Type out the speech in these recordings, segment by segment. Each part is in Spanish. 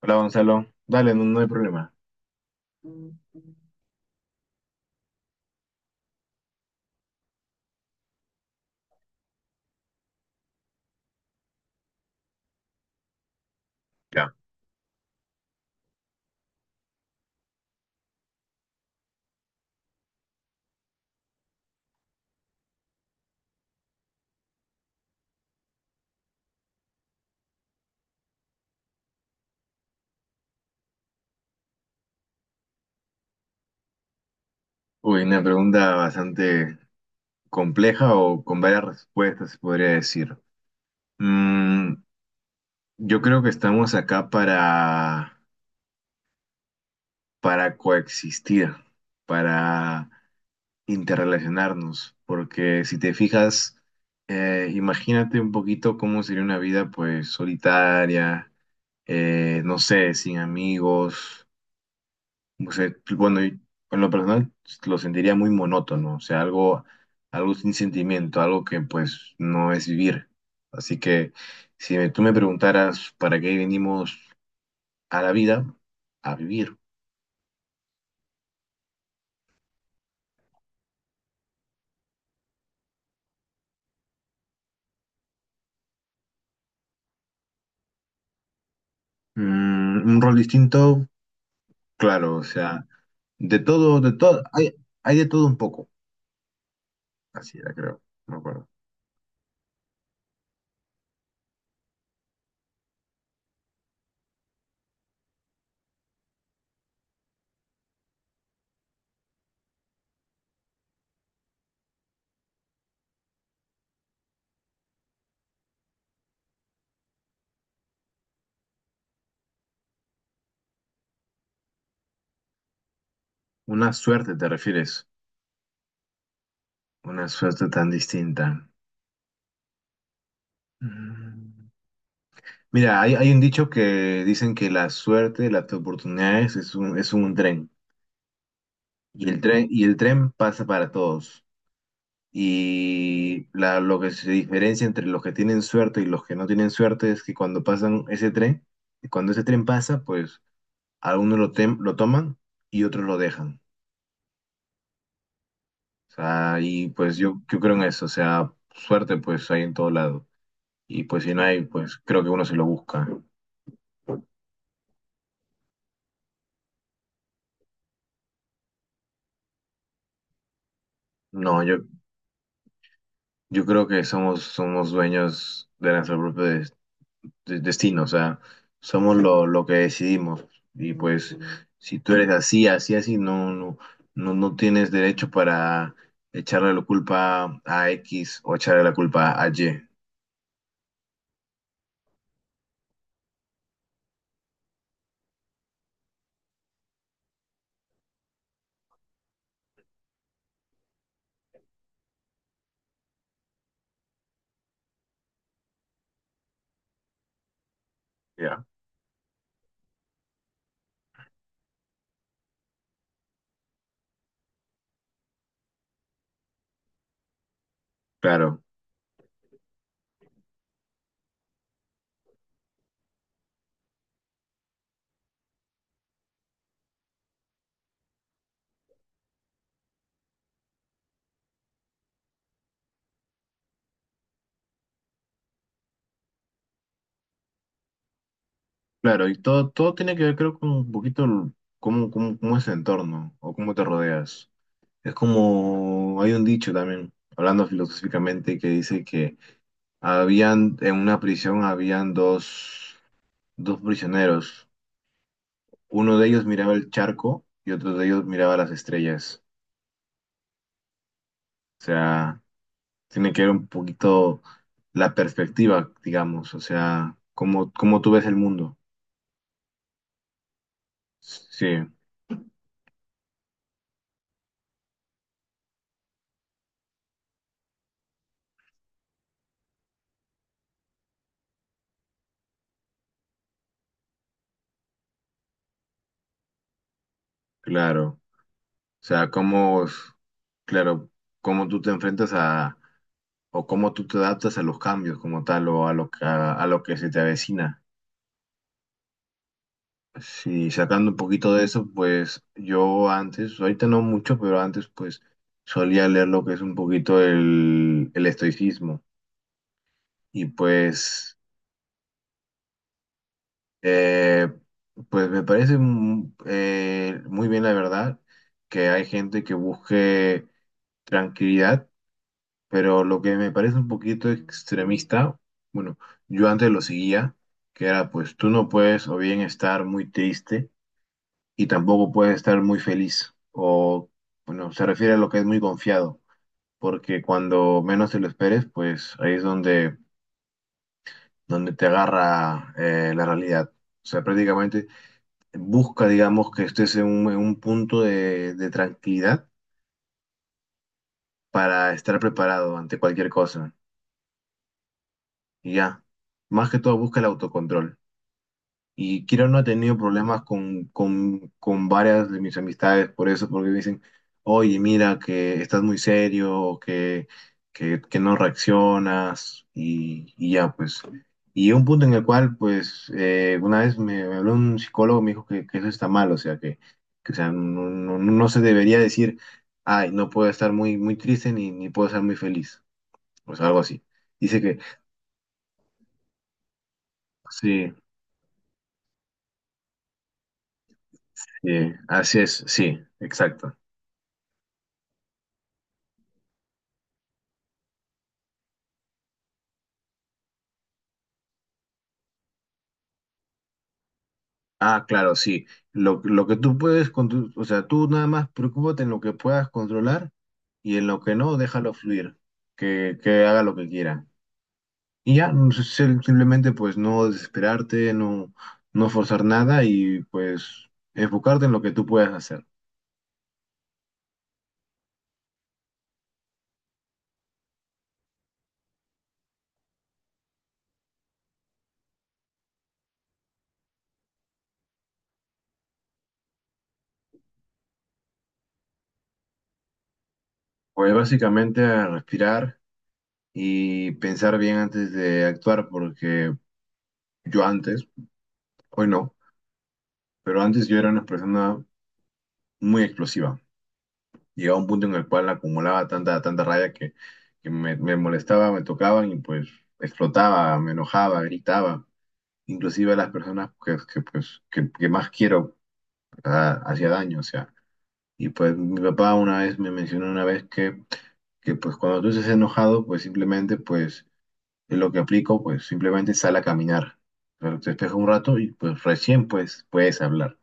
Hola Gonzalo, dale, no, no hay problema. Uy, una pregunta bastante compleja o con varias respuestas, se podría decir. Mm, yo creo que estamos acá para coexistir, para interrelacionarnos, porque si te fijas, imagínate un poquito cómo sería una vida pues solitaria, no sé, sin amigos. O sea, bueno, y en lo personal lo sentiría muy monótono, o sea, algo, algo sin sentimiento, algo que pues no es vivir. Así que si me- tú me preguntaras para qué venimos a la vida, a vivir. Mm, un rol distinto, claro, o sea, de todo, hay de todo un poco, así era, creo, no me acuerdo. Una suerte te refieres, una suerte tan distinta. Mm. Mira, hay un dicho que dicen que la suerte, las oportunidades es un tren. Y el tren, y el tren pasa para todos. Y lo que se diferencia entre los que tienen suerte y los que no tienen suerte es que cuando pasan ese tren, cuando ese tren pasa, pues lo toman y otros lo dejan. O sea, y pues yo creo en eso. O sea, suerte pues hay en todo lado. Y pues si no hay, pues creo que uno se lo busca. No, Yo creo que somos dueños de nuestro propio destino, o sea, somos lo que decidimos. Y pues, si tú eres así, así, así, no, no, no, no tienes derecho para echarle la culpa a X o echarle la culpa a Y. Ya. Claro, claro, y todo, todo tiene que ver, creo, con un poquito cómo, cómo es el entorno o cómo te rodeas. Es como, hay un dicho también, hablando filosóficamente, que dice que habían, en una prisión habían dos, dos prisioneros. Uno de ellos miraba el charco y otro de ellos miraba las estrellas. O sea, tiene que ver un poquito la perspectiva, digamos. O sea, cómo, cómo tú ves el mundo. Sí, claro. O sea, cómo, claro, cómo tú te enfrentas a, o cómo tú te adaptas a los cambios como tal, o a lo que se te avecina. Sí, sacando un poquito de eso, pues yo antes, ahorita no mucho, pero antes pues solía leer lo que es un poquito el estoicismo y pues, eh, pues me parece muy bien la verdad que hay gente que busque tranquilidad, pero lo que me parece un poquito extremista, bueno, yo antes lo seguía, que era pues tú no puedes o bien estar muy triste y tampoco puedes estar muy feliz. O, bueno, se refiere a lo que es muy confiado, porque cuando menos te lo esperes, pues ahí es donde, donde te agarra la realidad. O sea, prácticamente busca, digamos, que estés en un punto de tranquilidad para estar preparado ante cualquier cosa. Y ya, más que todo busca el autocontrol. Y Kira no ha tenido problemas con varias de mis amistades por eso, porque me dicen, oye, mira, que estás muy serio, o que no reaccionas, y ya, pues. Y un punto en el cual, pues, una vez me habló un psicólogo, me dijo que eso está mal, o sea, que, o sea, no, no se debería decir, ay, no puedo estar muy, muy triste ni, ni puedo estar muy feliz, o sea, algo así. Dice que, sí, sí, así es, sí, exacto. Ah, claro, sí. Lo que tú puedes, o sea, tú nada más preocúpate en lo que puedas controlar y en lo que no, déjalo fluir, que haga lo que quiera. Y ya, no sé, simplemente pues no desesperarte, no, no forzar nada y pues enfocarte en lo que tú puedas hacer. Pues básicamente a respirar y pensar bien antes de actuar, porque yo antes, hoy no, pero antes yo era una persona muy explosiva. Llegaba un punto en el cual acumulaba tanta, tanta rabia que me molestaba, me tocaban y pues explotaba, me enojaba, gritaba. Inclusive a las personas que, pues, que más quiero, ah, hacía daño, o sea. Y pues mi papá una vez me mencionó una vez que pues cuando tú estés enojado, pues simplemente pues lo que aplico, pues simplemente sal a caminar. Pero te despejas un rato y pues recién pues puedes hablar.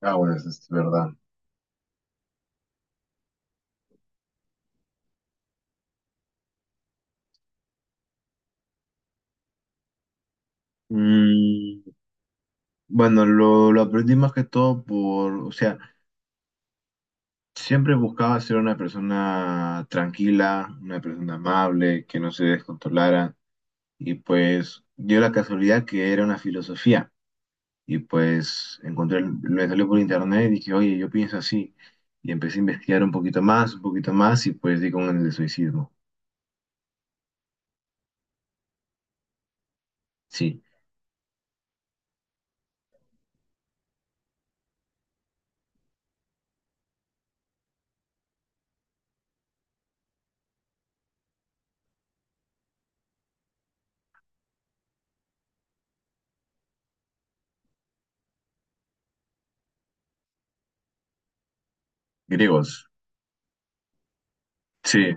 Ah, bueno, eso es verdad. Mm, bueno, lo aprendí más que todo por, o sea, siempre buscaba ser una persona tranquila, una persona amable, que no se descontrolara. Y pues dio la casualidad que era una filosofía. Y pues encontré, me salió por internet y dije, oye, yo pienso así. Y empecé a investigar un poquito más, y pues di con el de. Sí, griegos. Sí.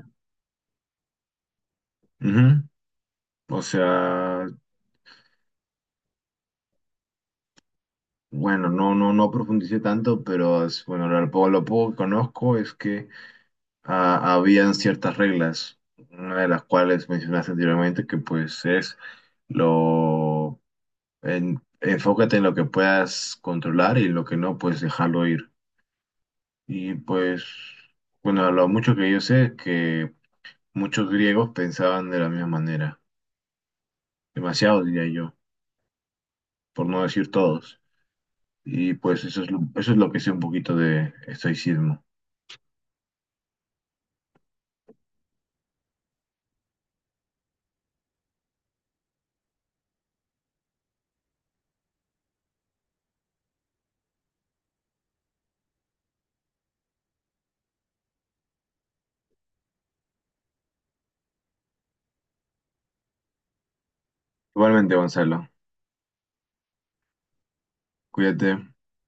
Ujú. O sea, bueno, no, no, no profundicé tanto, bueno, lo poco que conozco es que ah, habían ciertas reglas, una de las cuales mencionaste anteriormente, que pues es lo enfócate en lo que puedas controlar y lo que no, pues dejarlo ir. Y pues, bueno, lo mucho que yo sé es que muchos griegos pensaban de la misma manera, demasiado diría yo, por no decir todos. Y pues eso es lo que sé un poquito de estoicismo. Igualmente, Gonzalo, cuídate.